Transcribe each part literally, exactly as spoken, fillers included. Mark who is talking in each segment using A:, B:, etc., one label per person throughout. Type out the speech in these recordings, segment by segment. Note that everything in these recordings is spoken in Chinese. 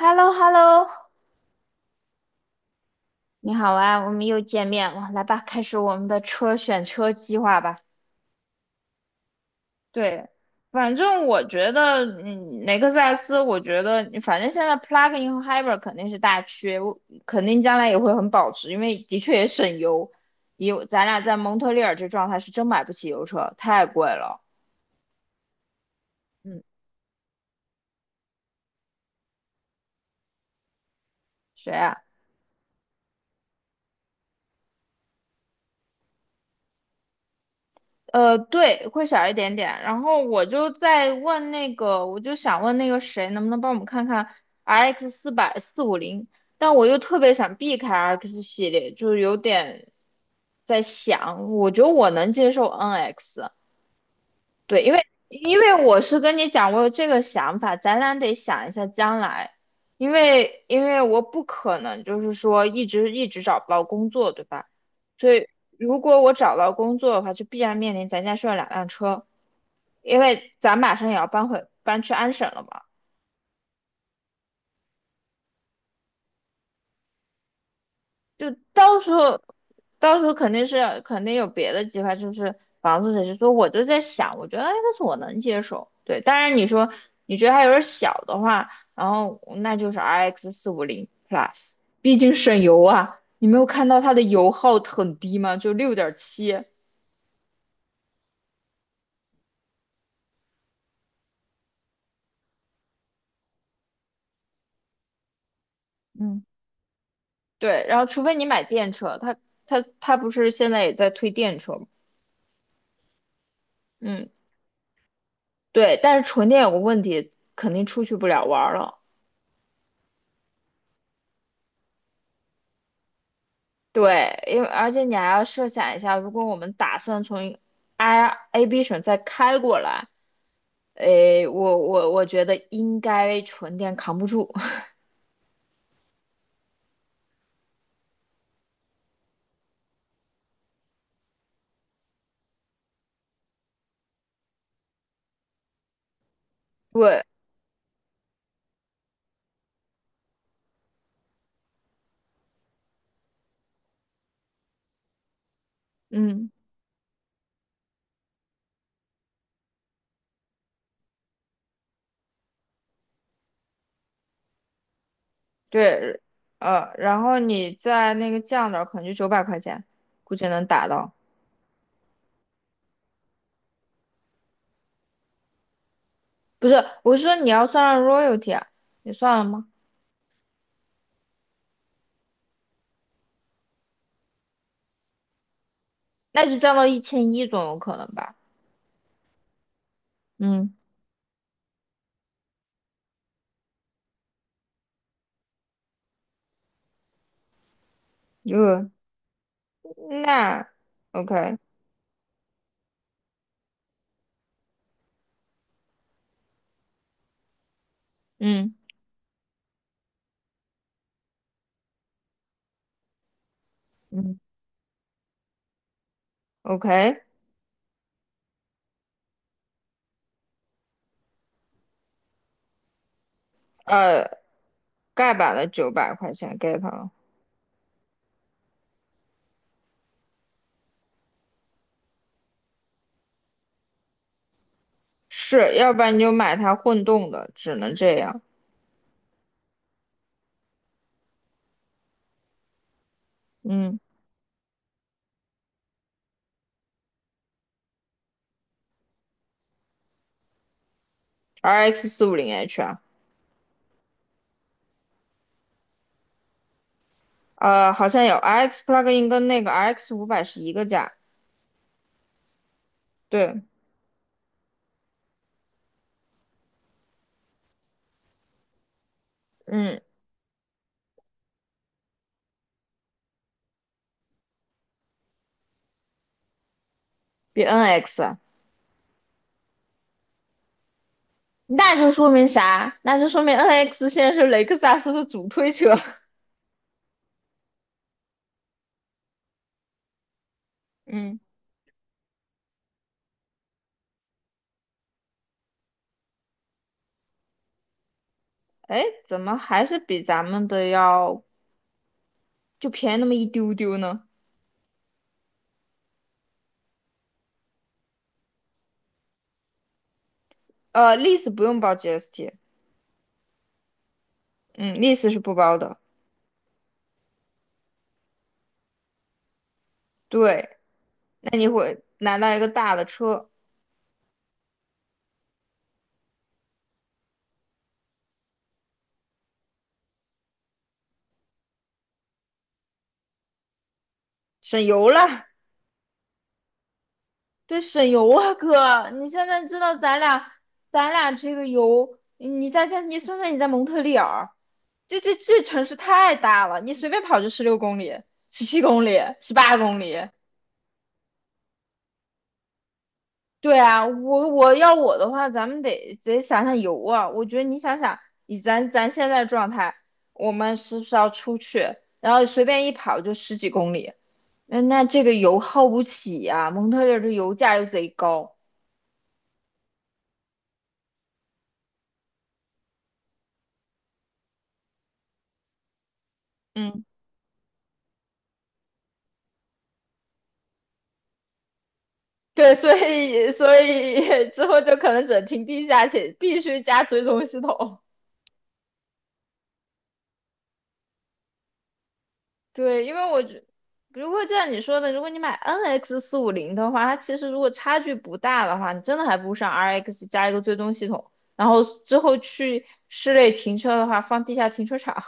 A: h e l l o h e l l o 你好啊，我们又见面了，来吧，开始我们的车选车计划吧。对，反正我觉得，嗯，雷克萨斯，我觉得，嗯反正现在 plug-in 和 hybrid 肯定是大缺，我肯定将来也会很保值，因为的确也省油。也有咱俩在蒙特利尔这状态是真买不起油车，太贵了。嗯，谁啊？呃，对，会小一点点。然后我就在问那个，我就想问那个谁，能不能帮我们看看 R X 四百四五零？但我又特别想避开 R X 系列，就是有点在想，我觉得我能接受 N X，对，因为因为我是跟你讲，我有这个想法，咱俩得想一下将来，因为因为我不可能就是说一直一直找不到工作，对吧？所以如果我找到工作的话，就必然面临咱家需要两辆车，因为咱马上也要搬回搬去安省了嘛。就到时候，到时候肯定是肯定有别的计划，就是房子这些。说我就在想，我觉得哎，但是我能接受。对，当然你说你觉得它有点小的话，然后那就是 R X 四五零 Plus，毕竟省油啊。你没有看到它的油耗很低吗？就六点七。嗯，对，然后除非你买电车，它它它不是现在也在推电车吗？嗯，对，但是纯电有个问题，肯定出去不了玩儿了。对，因为而且你还要设想一下，如果我们打算从 I A B 省再开过来，诶，我我我觉得应该纯电扛不住。对，嗯，对，呃，然后你在那个降点儿，可能就九百块钱，估计能打到。不是，我是说你要算上 royalty 啊，你算了吗？那就降到一千一总有可能吧。嗯，呃，那 OK，嗯嗯，OK，呃。盖板的九百块钱给他了，是，要不然你就买它混动的，只能这样。嗯，R X 四五零 H 啊，呃，好像有 R X plug-in 跟那个 R X 五百是一个价，对，嗯，比 N X，啊那就说明啥？那就说明 N X 现在是雷克萨斯的主推车。嗯，哎，怎么还是比咱们的要就便宜那么一丢丢呢？呃，lease 不用包 G S T，嗯，lease 是不包的。对，那你会拿到一个大的车。省油了，对，省油啊，哥，你现在知道咱俩，咱俩这个油，你在在，你算算你在蒙特利尔，这这这城市太大了，你随便跑就十六公里、十七公里、十八公里。对啊，我我要我的话，咱们得得想想油啊。我觉得你想想，以咱咱现在的状态，我们是不是要出去，然后随便一跑就十几公里？那那这个油耗不起呀、蒙特利尔的油价又贼高。嗯，对，所以所以之后就可能只能停地下且必须加追踪系统。对，因为我觉，如果就像你说的，如果你买 N X 四五零的话，它其实如果差距不大的话，你真的还不如上 R X 加一个追踪系统，然后之后去室内停车的话，放地下停车场。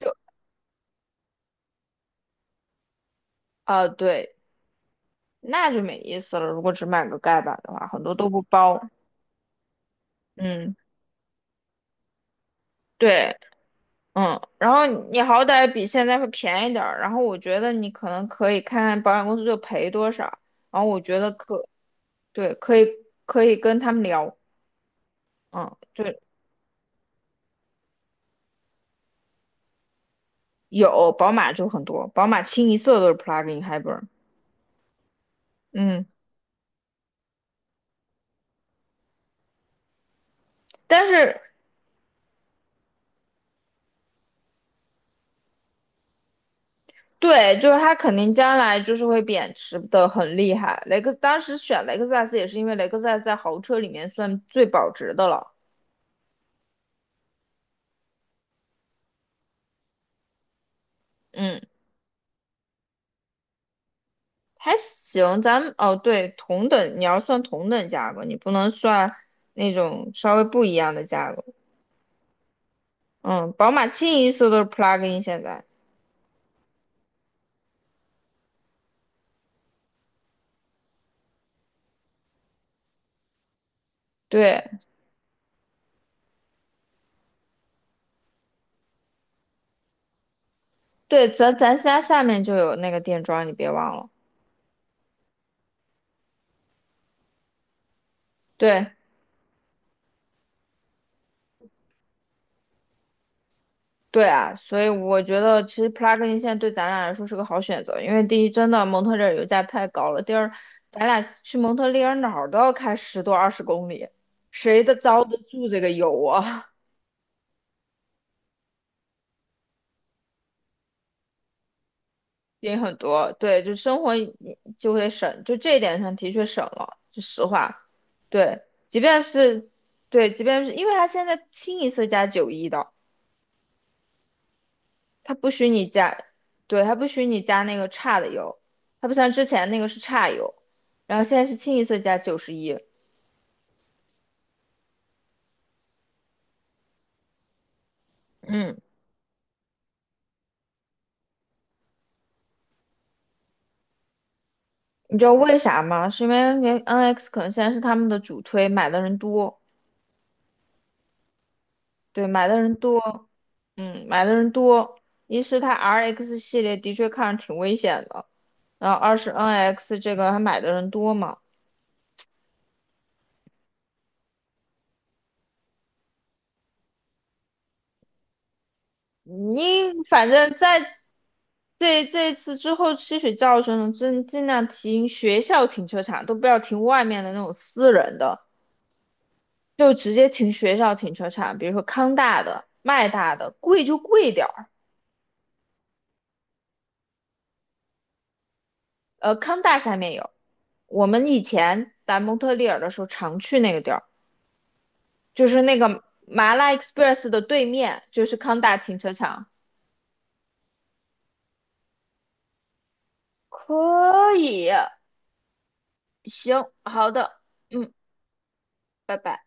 A: 就啊、对，那就没意思了。如果只买个盖板的话，很多都不包。嗯，对。嗯，然后你好歹比现在会便宜点儿，然后我觉得你可能可以看看保险公司就赔多少，然后我觉得可，对，可以可以跟他们聊，嗯，对，有宝马就很多，宝马清一色都是 plug-in hybrid，嗯，但是对，就是它肯定将来就是会贬值的很厉害，雷克当时选雷克萨斯也是因为雷克萨斯在豪车里面算最保值的了，嗯。还行，咱们哦对，同等你要算同等价格，你不能算那种稍微不一样的价格。嗯，宝马清一色都是 plug-in 现在。对对，咱咱家下面就有那个电桩，你别忘了。对对啊，所以我觉得其实 plug-in 现在对咱俩来说是个好选择，因为第一，真的蒙特利尔油价太高了；第二，咱俩去蒙特利尔哪儿都要开十多二十公里，谁的遭得住这个油啊？也很多，对，就生活一就会省，就这一点上的确省了，是实话。对，即便是对，即便是因为他现在清一色加九一的，他不许你加，对，他不许你加那个差的油，他不像之前那个是差油，然后现在是清一色加九十一。嗯，你知道为啥吗？是因为 N X 可能现在是他们的主推，买的人多。对，买的人多，嗯，买的人多。一是它 R X 系列的确看着挺危险的，然后二是 N X 这个还买的人多嘛。你反正在这这次之后吸取教训了，尽尽量停学校停车场，都不要停外面的那种私人的，就直接停学校停车场，比如说康大的、麦大的，贵就贵点儿。呃，康大下面有，我们以前在蒙特利尔的时候常去那个地儿。就是那个麻辣 Express 的对面，就是康大停车场。可以，行，好的，嗯，拜拜。